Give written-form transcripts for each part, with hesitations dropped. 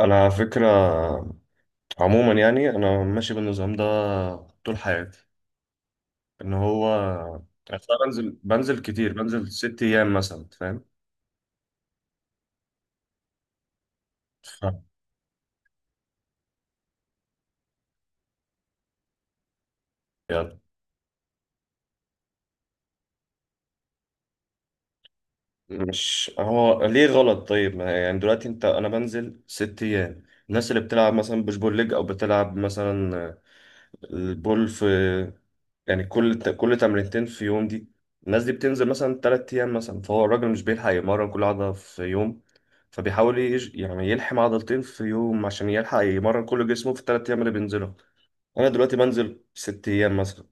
انا على فكره، عموما يعني انا ماشي بالنظام ده طول حياتي. ان هو يعني أنا بنزل كتير، بنزل ست ايام مثلا، فاهم. ف- يلا. مش هو ليه غلط؟ طيب ما يعني دلوقتي انت، انا بنزل ست ايام. الناس اللي بتلعب مثلا بوش بول ليج او بتلعب مثلا البول في، يعني كل تمرينتين في يوم دي، الناس دي بتنزل مثلا تلات أيام مثلا، فهو الراجل مش بيلحق يمرن كل عضلة في يوم، يعني يلحم عضلتين في يوم عشان يلحق يمرن كل جسمه في التلات أيام اللي بينزلهم. أنا دلوقتي بنزل ست أيام مثلا،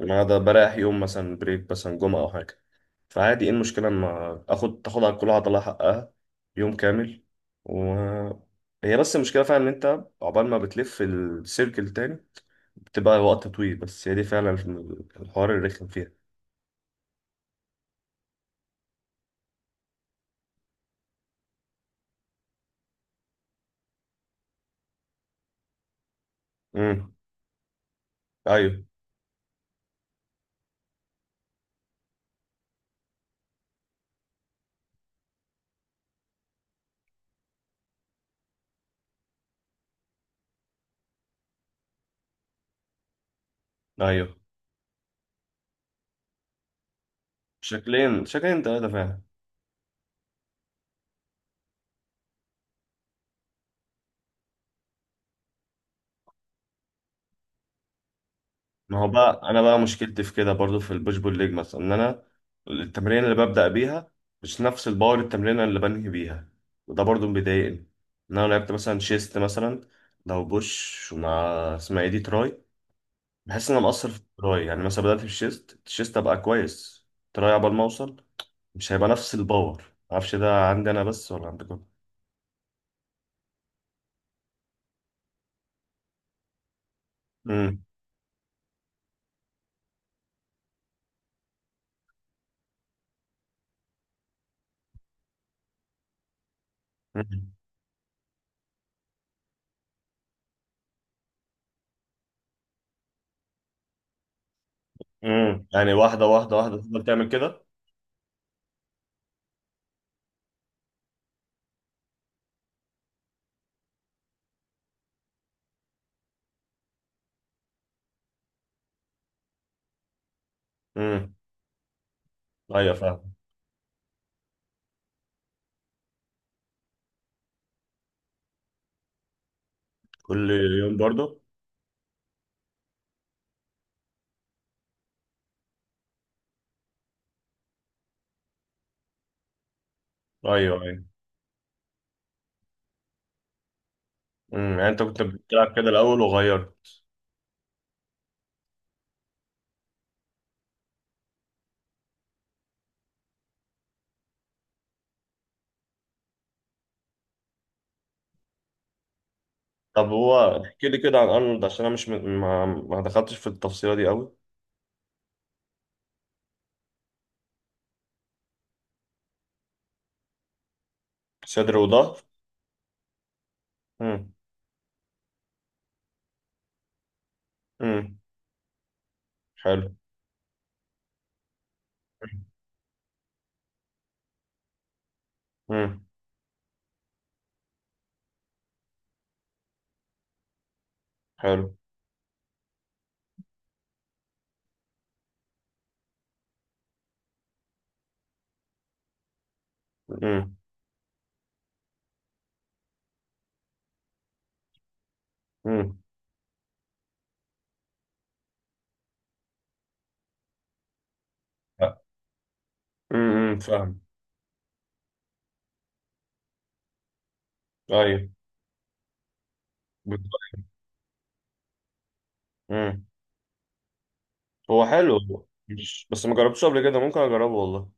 النهاردة بريح يوم مثلا، بريك مثلا جمعة أو حاجة، فعادي. إيه المشكلة لما آخد تاخد على كل عضلة حقها يوم كامل و... هي بس المشكلة فعلا إن أنت عقبال ما بتلف السيركل تاني بتبقى وقت طويل، بس هي دي فعلا الحوار الرخم فيها. امم ايوه. ايوه، شكلين تلاتة فعلا. ما هو بقى انا بقى مشكلتي في كده برضو في البوش بول ليج مثلا، ان انا التمرين اللي ببدأ بيها مش نفس الباور التمرين اللي بنهي بيها، وده برضو مضايقني. ان انا لعبت مثلا شيست مثلا، لو بوش ومع اسمها ايه دي، تراي، بحس ان انا مقصر في التراي. يعني مثلا بدأت في الشيست، الشيست ابقى كويس، تراي عبال ما اوصل مش هيبقى نفس الباور. معرفش ده عندي انا بس ولا عندكم. مم. يعني واحدة واحدة واحدة تفضل تعمل كده. امم ايوه فاهم. كل يوم برضه. ايوه. ايوه. يعني انت كنت بتلعب كده الاول وغيرت؟ طب هو احكي لي كده عن ارنولد عشان انا مش م... ما دخلتش في التفصيلة دي قوي. صدر وظهر. امم امم حلو. امم حلو. امم امم فاهم. ايوه. بالظبط. امم هو حلو، مش بس ما جربتوش قبل كده، ممكن اجربه والله.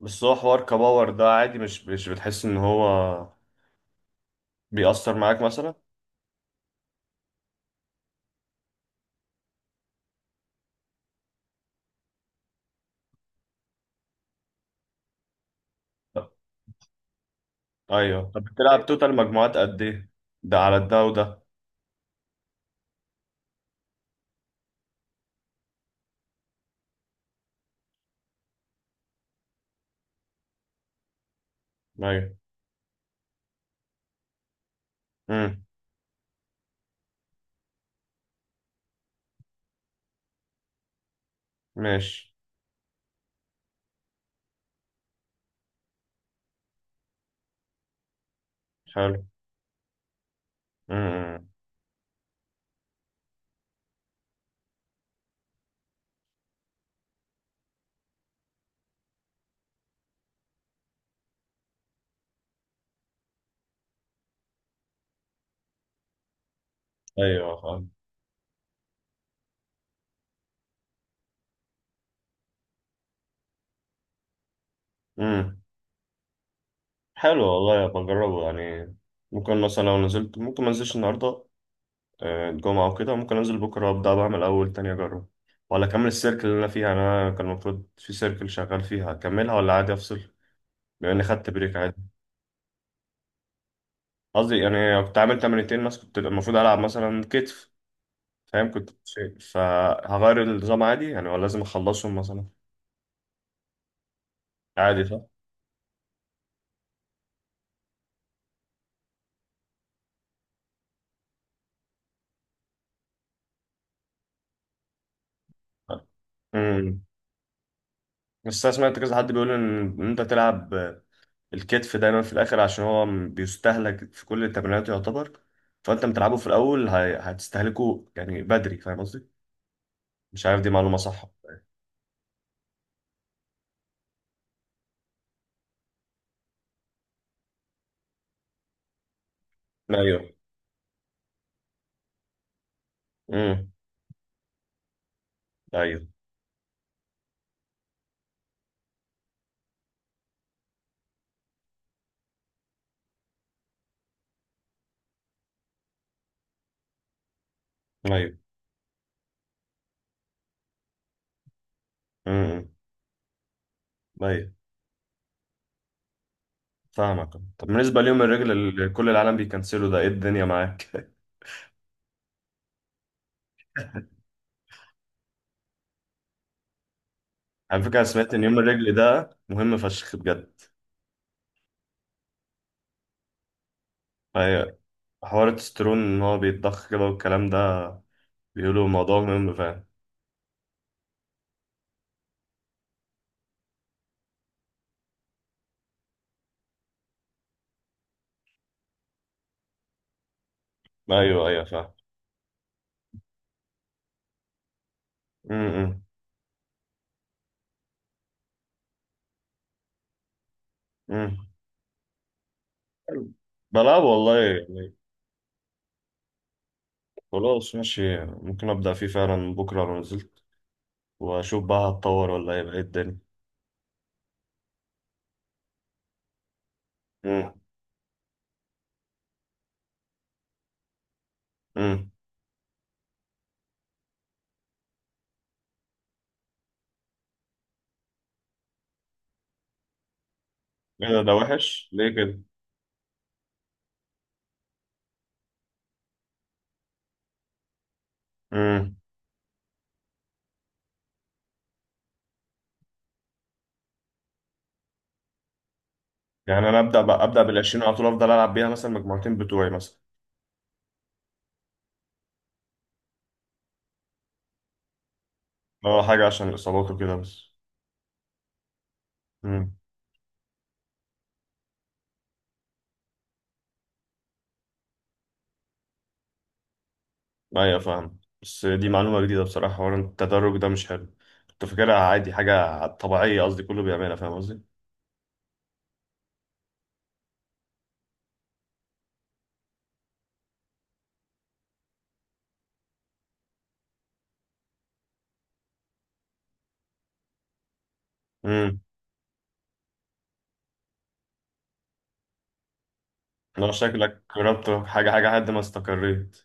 بس هو حوار كباور ده عادي، مش مش بتحس ان هو بيأثر معاك مثلا؟ طب. ايوه، طب بتلعب طيب. توتال مجموعات قد ايه؟ ده على ده وده. ايوه. امم ماشي. حلو. امم ايوه فاهم. امم حلو والله، بجربه يعني. ممكن مثلا لو نزلت، ممكن ما انزلش النهارده، الجمعة وكده ممكن انزل بكره، ابدا بعمل اول تاني اجرب؟ ولا اكمل السيركل اللي انا فيها؟ يعني انا كان المفروض في سيركل شغال فيها اكملها، ولا عادي افصل بما اني خدت بريك؟ عادي. قصدي يعني كنت عامل تمرينتين بس، كنت المفروض العب مثلا كتف، فاهم كنت بتفهم. فهغير النظام عادي يعني ولا لازم اخلصهم مثلا؟ عادي صح؟ امم بس انا سمعت كذا حد بيقول ان إن انت تلعب الكتف دايما في الاخر عشان هو بيستهلك في كل التمرينات يعتبر، فانت بتلعبه في الاول هتستهلكه يعني بدري، فاهم قصدي؟ مش عارف دي معلومة صح ولا إيه. ايوه. امم ايوه. ايوه. امم ايوه فاهمك. طب بالنسبة ليوم الرجل اللي كل العالم بيكنسلوا ده، ايه الدنيا معاك؟ على فكرة أنا سمعت ان يوم الرجل ده مهم فشخ بجد. ايوه، حوار التسترون ان هو بيتضخ كده والكلام ده، بيقولوا الموضوع مهم، فاهم. ايوه. ايوه فاهم. امم امم بلعب والله يعني. خلاص ماشي، ممكن ابدا فيه فعلا بكره لو نزلت، واشوف بقى هتطور ولا هيبقى ايه الدنيا. امم امم ايه ده؟ ده وحش ليه كده؟ امم يعني انا ابدا بقى، ابدا بال 20 على طول، افضل العب بيها مثلا مجموعتين بتوعي مثلا؟ اه حاجه عشان الاصابات وكده بس. إمم. ايوه فاهم. بس دي معلومة جديدة بصراحة، حوار التدرج ده مش حلو. كنت فاكرها عادي حاجة طبيعية، قصدي كله بيعملها، فاهم قصدي؟ امم لو شكلك جربت حاجة حاجة لحد ما استقريت.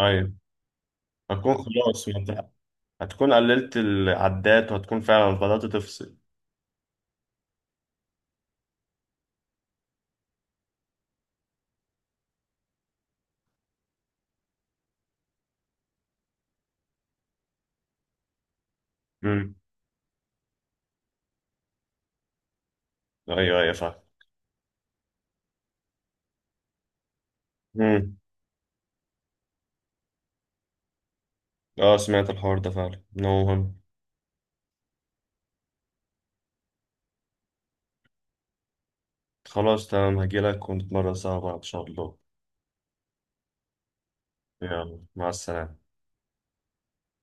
ايوه. هتكون خلاص، ما انت هتكون قللت العدات وهتكون فعلا بدأت تفصل. امم ايوه. ايوه فاهم. امم اه سمعت الحوار ده فعلا إنه مهم. خلاص تمام، هجيلك ونتمرن سوا بعض ان شاء الله. يلا مع السلامة.